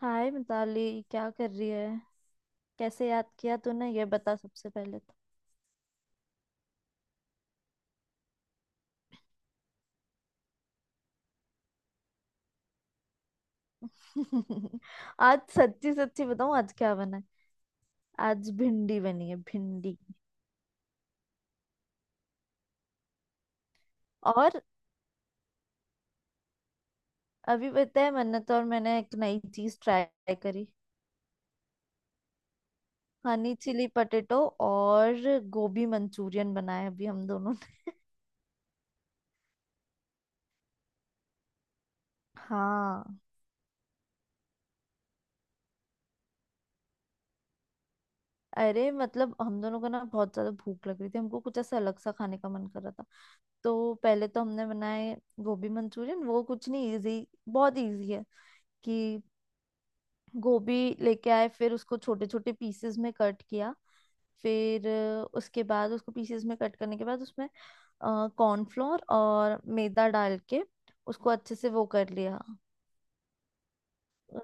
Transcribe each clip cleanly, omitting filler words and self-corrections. हाय मिताली। क्या कर रही है? कैसे याद किया तूने ये बता सबसे पहले। तो आज सच्ची सच्ची बताऊं आज क्या बना है? आज भिंडी बनी है भिंडी। और अभी पता है मन्नत और मैंने एक नई चीज ट्राई करी। Honey chilli potato. और गोभी मंचूरियन बनाया अभी हम दोनों ने। हाँ। अरे मतलब हम दोनों को ना बहुत ज्यादा भूख लग रही थी। हमको कुछ ऐसा अलग सा खाने का मन कर रहा था। तो पहले तो हमने बनाए गोभी मंचूरियन। वो कुछ नहीं, इजी बहुत इजी है कि गोभी लेके आए, फिर उसको छोटे छोटे पीसेस में कट किया। फिर उसके बाद उसको पीसेस में कट करने के बाद उसमें कॉर्नफ्लोर और मैदा डाल के उसको अच्छे से वो कर लिया। अ,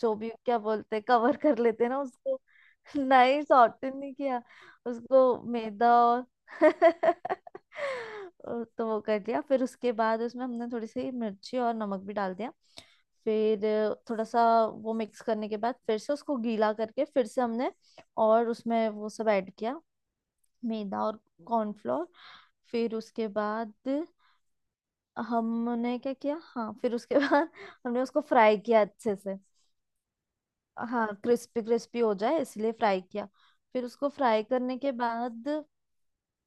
जो भी क्या बोलते हैं, कवर कर लेते हैं ना उसको। नहीं, सॉर्टेड नहीं किया उसको। मैदा और और तो वो कर दिया। फिर उसके बाद उसमें हमने थोड़ी सी मिर्ची और नमक भी डाल दिया। फिर थोड़ा सा वो मिक्स करने के बाद फिर से उसको गीला करके फिर से हमने और उसमें वो सब ऐड किया। मैदा और कॉर्नफ्लोर। फिर उसके बाद हमने क्या किया? हाँ फिर उसके बाद हमने उसको फ्राई किया अच्छे से। हाँ क्रिस्पी क्रिस्पी हो जाए इसलिए फ्राई किया। फिर उसको फ्राई करने के बाद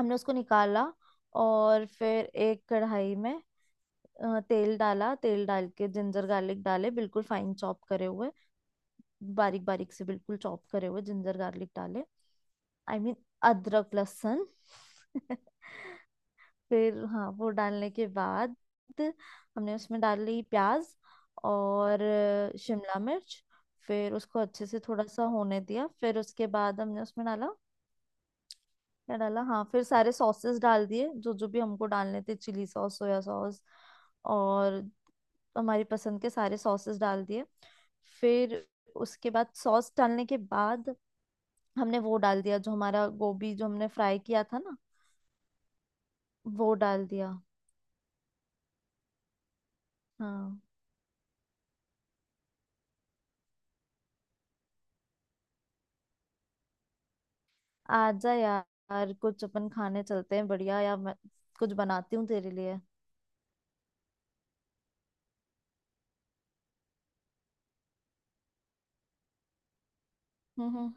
हमने उसको निकाला और फिर एक कढ़ाई में तेल डाला। तेल डाल के जिंजर गार्लिक डाले, बिल्कुल फाइन चॉप करे हुए, बारीक बारीक से बिल्कुल चॉप करे हुए जिंजर गार्लिक डाले। आई I मीन mean, अदरक लहसुन। फिर हाँ वो डालने के बाद हमने उसमें डाली प्याज और शिमला मिर्च। फिर उसको अच्छे से थोड़ा सा होने दिया, फिर उसके बाद हमने उसमें डाला। क्या डाला? हाँ फिर सारे सॉसेस डाल दिए जो जो भी हमको डालने थे। चिली सॉस, सोया सॉस और हमारी पसंद के सारे सॉसेस डाल दिए। फिर उसके बाद सॉस डालने के बाद हमने वो डाल दिया, जो हमारा गोभी जो हमने फ्राई किया था ना, वो डाल दिया। हाँ आजा यार, कुछ अपन खाने चलते हैं बढ़िया, या मैं कुछ बनाती हूँ तेरे लिए। हम्म हम्म।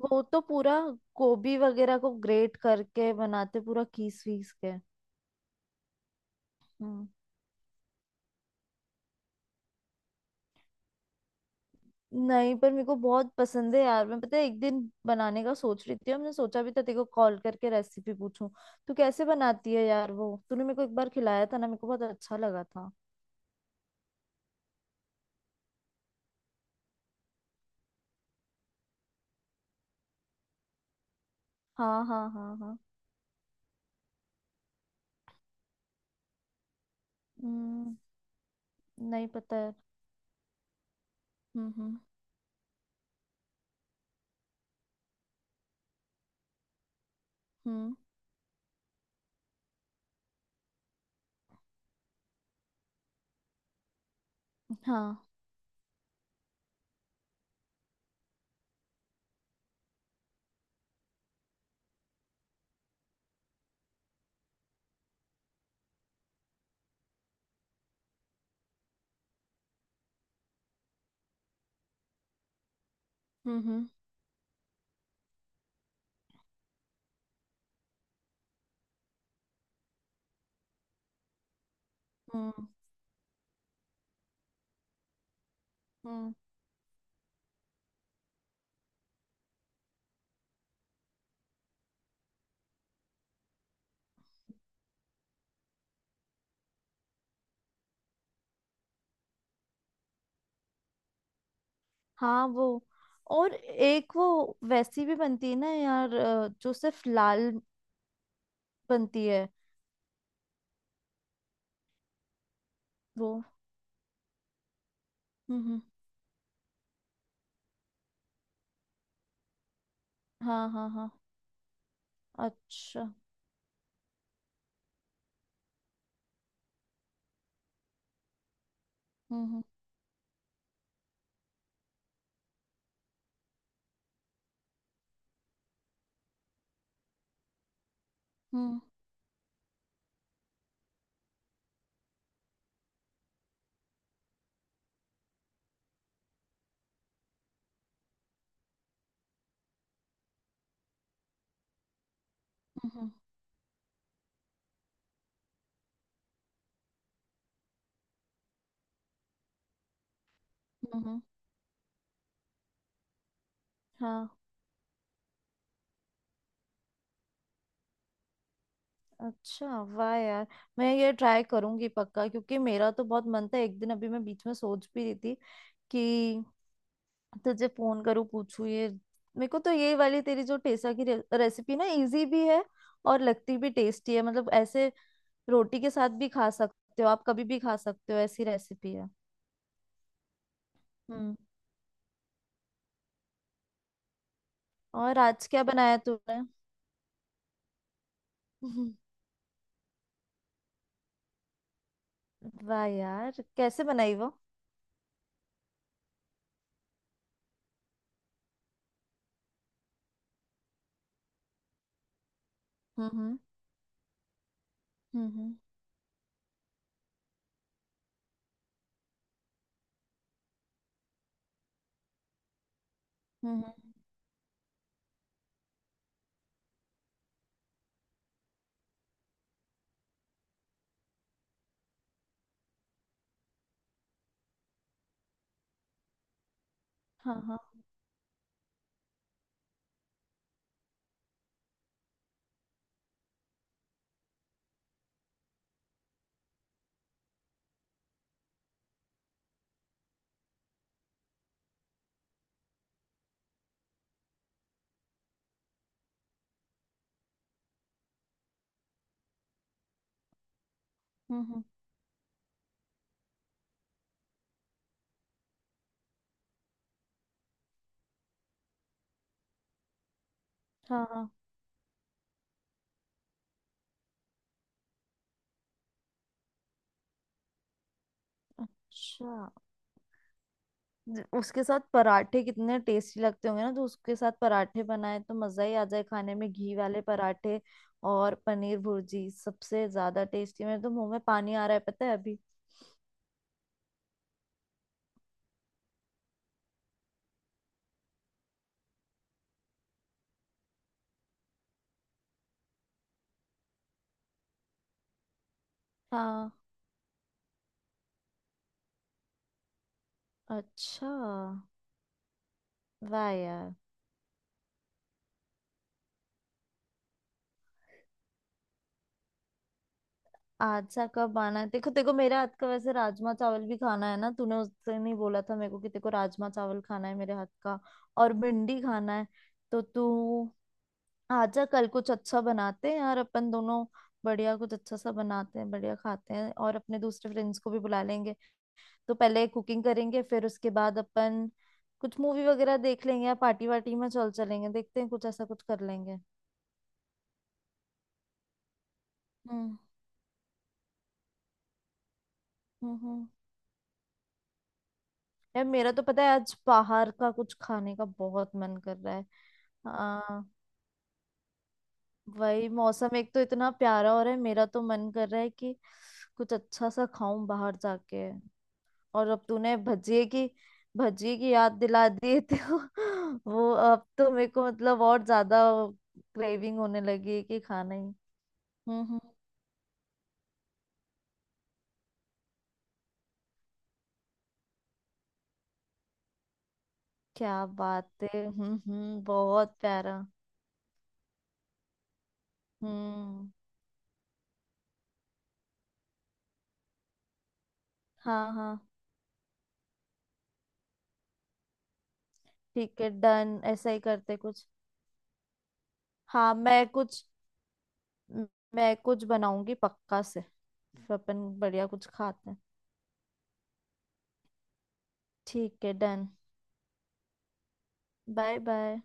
वो तो पूरा गोभी वगैरह को ग्रेट करके बनाते, पूरा खीस वीस के। हम्म। नहीं पर मेरे को बहुत पसंद है यार। मैं, पता है, एक दिन बनाने का सोच रही थी और मैंने सोचा भी था तेरे को कॉल करके रेसिपी पूछूं तू कैसे बनाती है यार। वो तूने मेरे को एक बार खिलाया था ना, मेरे को बहुत अच्छा लगा था। हाँ हाँ हाँ हाँ। हम्म। नहीं, पता है। हम्म। हम्म। हाँ। हम्म। हम्म हम्म। हाँ वो। और एक वो वैसी भी बनती है ना यार, जो सिर्फ लाल बनती है वो। हम्म हम्म, हाँ हाँ हाँ। अच्छा। हम्म हम्म। हम्म। हम्म, हम्म। हाँ। अच्छा, वाह यार, मैं ये ट्राई करूंगी पक्का, क्योंकि मेरा तो बहुत मन था। एक दिन अभी मैं बीच में सोच भी रही थी कि तुझे फोन करूँ पूछूं ये। मेरे को तो ये वाली तेरी जो टेसा की रेसिपी ना, इजी भी है और लगती भी टेस्टी है। मतलब ऐसे रोटी के साथ भी खा सकते हो, आप कभी भी खा सकते हो, ऐसी रेसिपी है। हम्म। और आज क्या बनाया तूने? हम्म, वाह यार कैसे बनाई वो? हम्म हम्म। हम्म। हाँ हाँ। हम्म हम्म, हाँ हाँ। अच्छा। उसके साथ पराठे कितने टेस्टी लगते होंगे ना। तो उसके साथ पराठे बनाए तो मजा ही आ जाए खाने में, घी वाले पराठे। और पनीर भुर्जी सबसे ज्यादा टेस्टी। मेरे तो मुंह में पानी आ रहा है, पता है, अभी। हाँ। अच्छा, वाह यार। आज सा कब आना है, देखो देखो मेरे हाथ का वैसे राजमा चावल भी खाना है ना। तूने उस दिन ही बोला था मेरे को कि तेको राजमा चावल खाना है मेरे हाथ का। और भिंडी खाना है। तो तू आजा, कल कुछ अच्छा बनाते हैं यार अपन दोनों। बढ़िया कुछ अच्छा सा बनाते हैं, बढ़िया खाते हैं और अपने दूसरे फ्रेंड्स को भी बुला लेंगे। तो पहले कुकिंग करेंगे, फिर उसके बाद अपन कुछ मूवी वगैरह देख लेंगे या पार्टी वार्टी में चल चलेंगे। देखते हैं, कुछ ऐसा कुछ कर लेंगे। हम्म हम्म। यार मेरा तो, पता है, आज बाहर का कुछ खाने का बहुत मन कर रहा है। हाँ वही मौसम एक तो इतना प्यारा हो रहा है, मेरा तो मन कर रहा है कि कुछ अच्छा सा खाऊं बाहर जाके। और अब तूने भजिए की याद दिला दी तो वो अब तो मेरे को मतलब और ज्यादा क्रेविंग होने लगी है कि खाना ही। हम्म। क्या बात है, हम्म, बहुत प्यारा। हम्म। हाँ हाँ। ठीक है डन, ऐसा ही करते कुछ। हाँ मैं कुछ म- मैं कुछ बनाऊंगी पक्का से। फिर अपन बढ़िया कुछ खाते हैं। ठीक है डन। Bye bye.